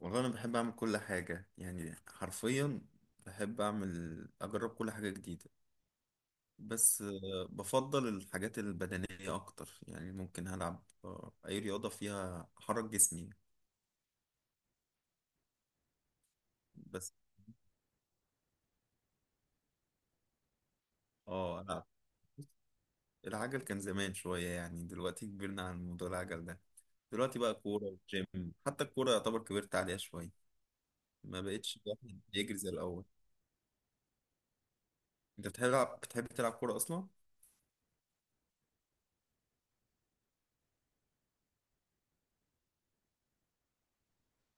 والله انا بحب اعمل كل حاجه، يعني حرفيا. بحب اعمل اجرب كل حاجه جديده. بس بفضل الحاجات البدنيه اكتر، يعني ممكن العب اي رياضه فيها احرك جسمي. بس اه العب. العجل كان زمان شويه، يعني دلوقتي كبرنا عن موضوع العجل ده. دلوقتي بقى كوره وجيم. حتى الكوره يعتبر كبرت عليها شويه. ما بقتش الواحد يجري زي الاول. انت بتحب تلعب كوره اصلا؟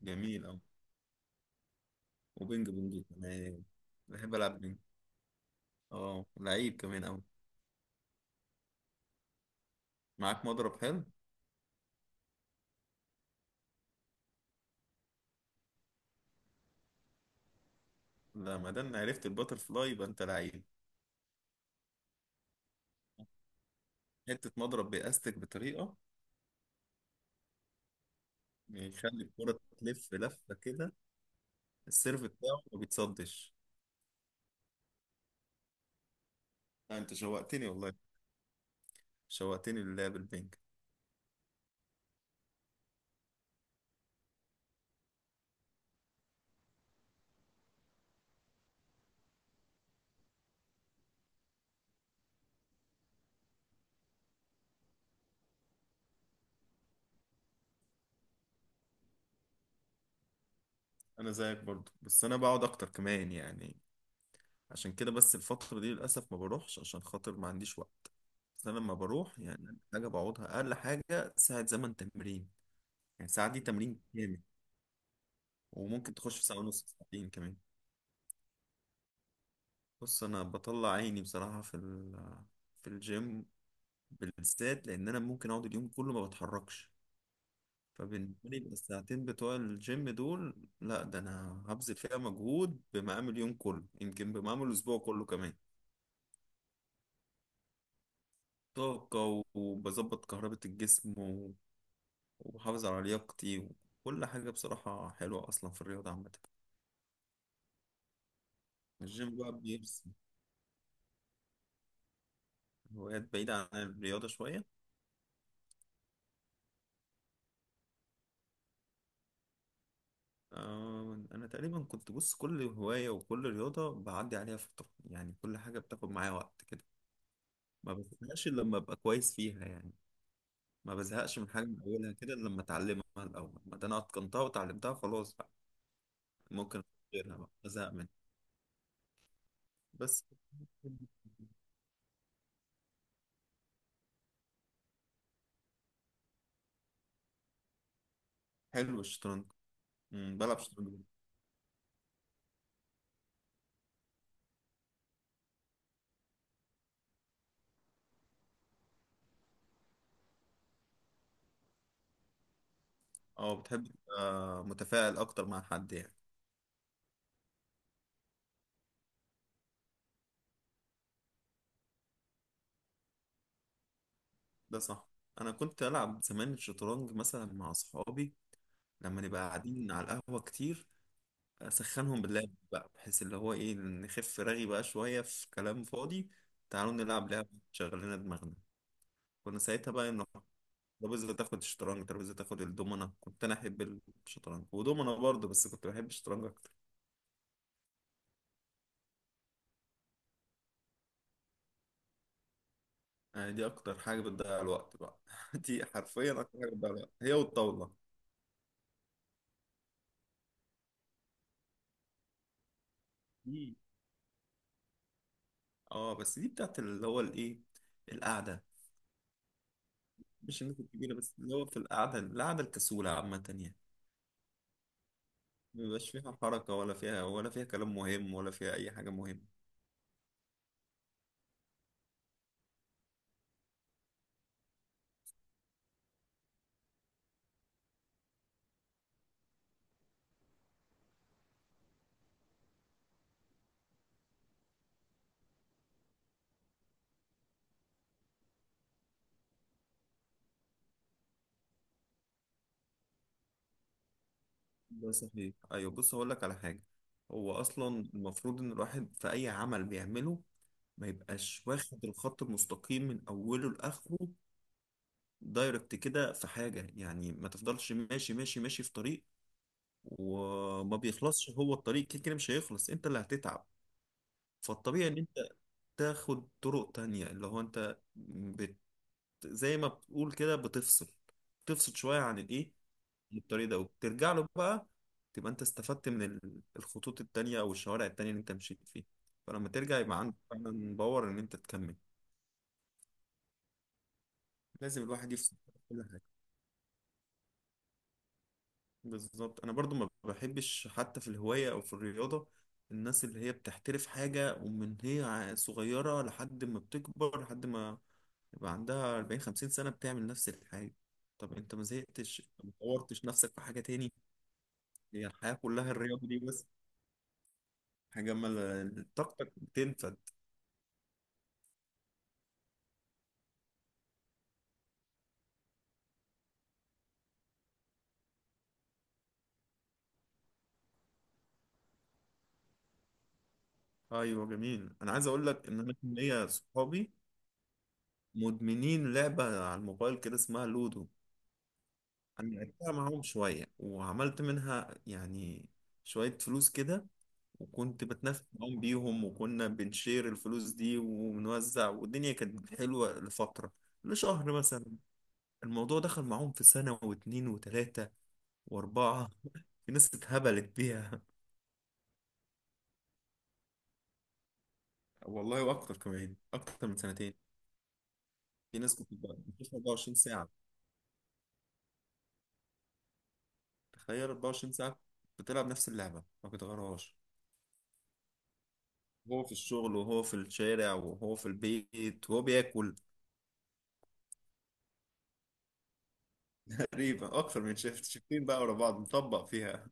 جميل أوي. وبينج بونج كمان. بحب العب بينج. اه، لعيب كمان أوي. معاك مضرب حلو؟ لا، ما دام عرفت الباتر فلاي يبقى أنت لعيب. حتة مضرب بإستك بطريقة يخلي الكرة تلف لفة كده. السيرف بتاعه ما بيتصدش. لا، أنت شوقتني والله. شوقتني للعب البنك. أنا زيك برضو، بس أنا بقعد أكتر كمان يعني. عشان كده بس الفترة دي للأسف ما بروحش، عشان خاطر ما عنديش وقت. بس أنا لما بروح يعني أقل حاجة بقعدها أقل حاجة ساعة زمن تمرين. يعني ساعة دي تمرين كامل. وممكن تخش في ساعة ونص، ساعتين كمان. بص، انا بطلع عيني بصراحه في الجيم، بالذات لان انا ممكن اقعد اليوم كله ما بتحركش. فبالنسبه لي الساعتين بتوع الجيم دول، لا ده انا هبذل فيها مجهود بمقام اليوم كله، يمكن بمقام الاسبوع كله كمان. طاقه وبظبط كهربة الجسم وبحافظ على لياقتي وكل حاجه، بصراحه حلوه اصلا في الرياضه عامه. الجيم بقى بيرسم. هوايات بعيده عن الرياضه شويه. أنا تقريبا كنت بص كل هواية وكل رياضة بعدي عليها فترة، يعني كل حاجة بتاخد معايا وقت كده. ما بزهقش إلا لما أبقى كويس فيها يعني. ما بزهقش من حاجة من أولها كده إلا لما أتعلمها الأول، ما ده أنا أتقنتها وتعلمتها خلاص بقى. ممكن غيرها بقى أزهق منها. بس حلو الشطرنج. بلعب شطرنج. أه، بتحب تبقى متفاعل أكتر مع حد يعني. ده صح. أنا كنت ألعب زمان الشطرنج مثلا مع أصحابي لما نبقى قاعدين على القهوة كتير. اسخنهم باللعب بقى، بحيث اللي هو ايه، نخف رغي بقى شوية في كلام فاضي. تعالوا نلعب لعبة تشغل لنا دماغنا. كنا ساعتها بقى انه ترابيزة تاخد الشطرنج، ترابيزة تاخد الدومنة. كنت انا احب الشطرنج ودومنة برضه، بس كنت بحب الشطرنج اكتر. يعني دي اكتر حاجة بتضيع الوقت بقى. دي حرفيا اكتر حاجة بتضيع الوقت، هي والطاولة. دي اه، بس دي بتاعت اللي هو الايه، القعدة. مش الناس الكبيرة بس، اللي هو في القعدة، القعدة الكسولة عامة يعني. مبيبقاش فيها حركة، ولا فيها كلام مهم، ولا فيها أي حاجة مهمة. ده صحيح. أيوة، بص هقول لك على حاجة. هو أصلا المفروض إن الواحد في أي عمل بيعمله ما يبقاش واخد الخط المستقيم من أوله لآخره دايركت كده في حاجة. يعني ما تفضلش ماشي ماشي ماشي في طريق، وما بيخلصش. هو الطريق كده كده مش هيخلص، أنت اللي هتتعب. فالطبيعي إن أنت تاخد طرق تانية، اللي هو زي ما بتقول كده بتفصل. تفصل شوية عن الإيه، الطريق ده، وبترجع له بقى. تبقى انت استفدت من الخطوط التانية او الشوارع التانية اللي انت مشيت فيها. فلما ترجع يبقى عندك فعلا باور ان انت تكمل. لازم الواحد يفصل في كل حاجة. بالظبط، انا برضو ما بحبش حتى في الهواية او في الرياضة، الناس اللي هي بتحترف حاجة ومن هي صغيرة لحد ما بتكبر، لحد ما يبقى عندها 40 50 سنة بتعمل نفس الحاجة. طب انت ما زهقتش؟ أنت ما طورتش نفسك في حاجة تاني؟ هي الحياة كلها الرياضة دي بس. حاجة ما ل- طاقتك بتنفد. ايوه جميل. انا عايز اقول لك ان انا كان ليا صحابي مدمنين لعبه على الموبايل كده اسمها لودو. انا لعبتها معاهم شويه وعملت منها يعني شويه فلوس كده. وكنت بتنافس معاهم بيهم، وكنا بنشير الفلوس دي ونوزع، والدنيا كانت حلوه لفتره. لشهر مثلا. الموضوع دخل معاهم في سنه واتنين وتلاته واربعه. في ناس اتهبلت بيها. والله واكتر كمان، اكتر من سنتين. في ناس كنت بقى 24 ساعه. تخيل 24 ساعة بتلعب نفس اللعبة ما بتغيرهاش. هو في الشغل، وهو في الشارع، وهو في البيت، وهو بياكل. تقريبا أكتر من شيفت، شيفتين بقى ورا بعض مطبق فيها.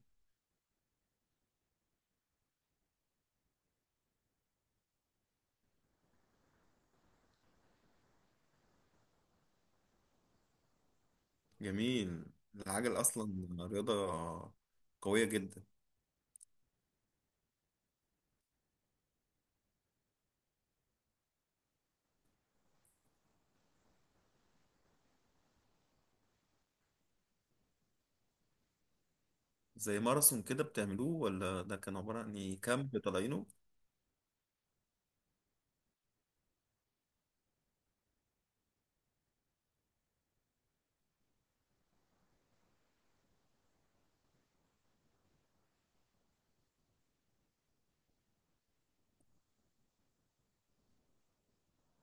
جميل. العجل أصلا رياضة قوية جدا. زي ماراثون كده بتعملوه، ولا ده كان عبارة عن إيه؟ كامب طالعينه؟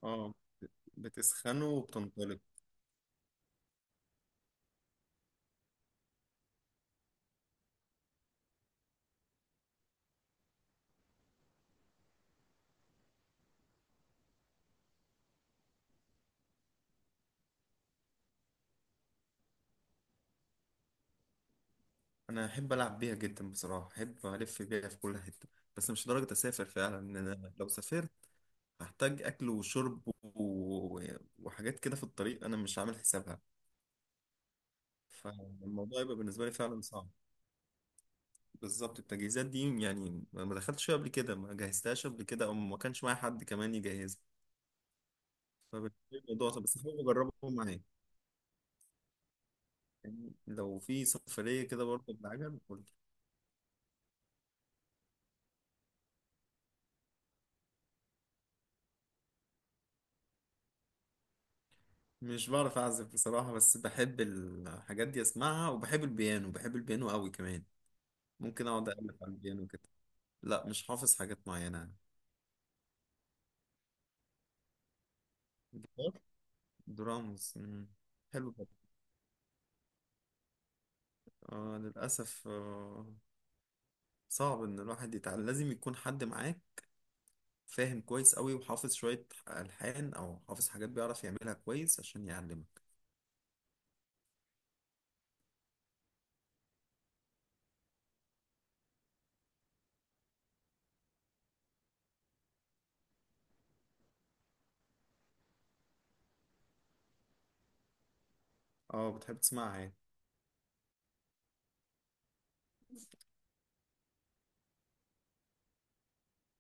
اه، بتسخنوا وبتنطلق. أنا أحب ألعب بيها جدا بصراحة، أحب ألف بيها في كل حتة. بس مش لدرجة أسافر فعلا. إن أنا لو سافرت هحتاج اكل وشرب وحاجات كده في الطريق انا مش عامل حسابها. فالموضوع يبقى بالنسبه لي فعلا صعب. بالظبط، التجهيزات دي يعني ما دخلتش فيها قبل كده، ما جهزتهاش قبل كده، او ما كانش معايا حد كمان يجهزها. فبالنسبه لي الموضوع صعب، بس حابب اجربه معاك. يعني لو في سفريه كده برضه بالعجل قول لي. مش بعرف اعزف بصراحه، بس بحب الحاجات دي اسمعها. وبحب البيانو، بحب البيانو قوي كمان. ممكن اقعد اقلب على البيانو كده. لا، مش حافظ حاجات معينه. درامز، مم. حلو جدا. آه، للأسف آه، صعب إن الواحد يتعلم. لازم يكون حد معاه فاهم كويس أوي وحافظ شوية ألحان أو حافظ حاجات بيعرف يعملها كويس عشان يعلمك. اه، بتحب تسمعها يعني.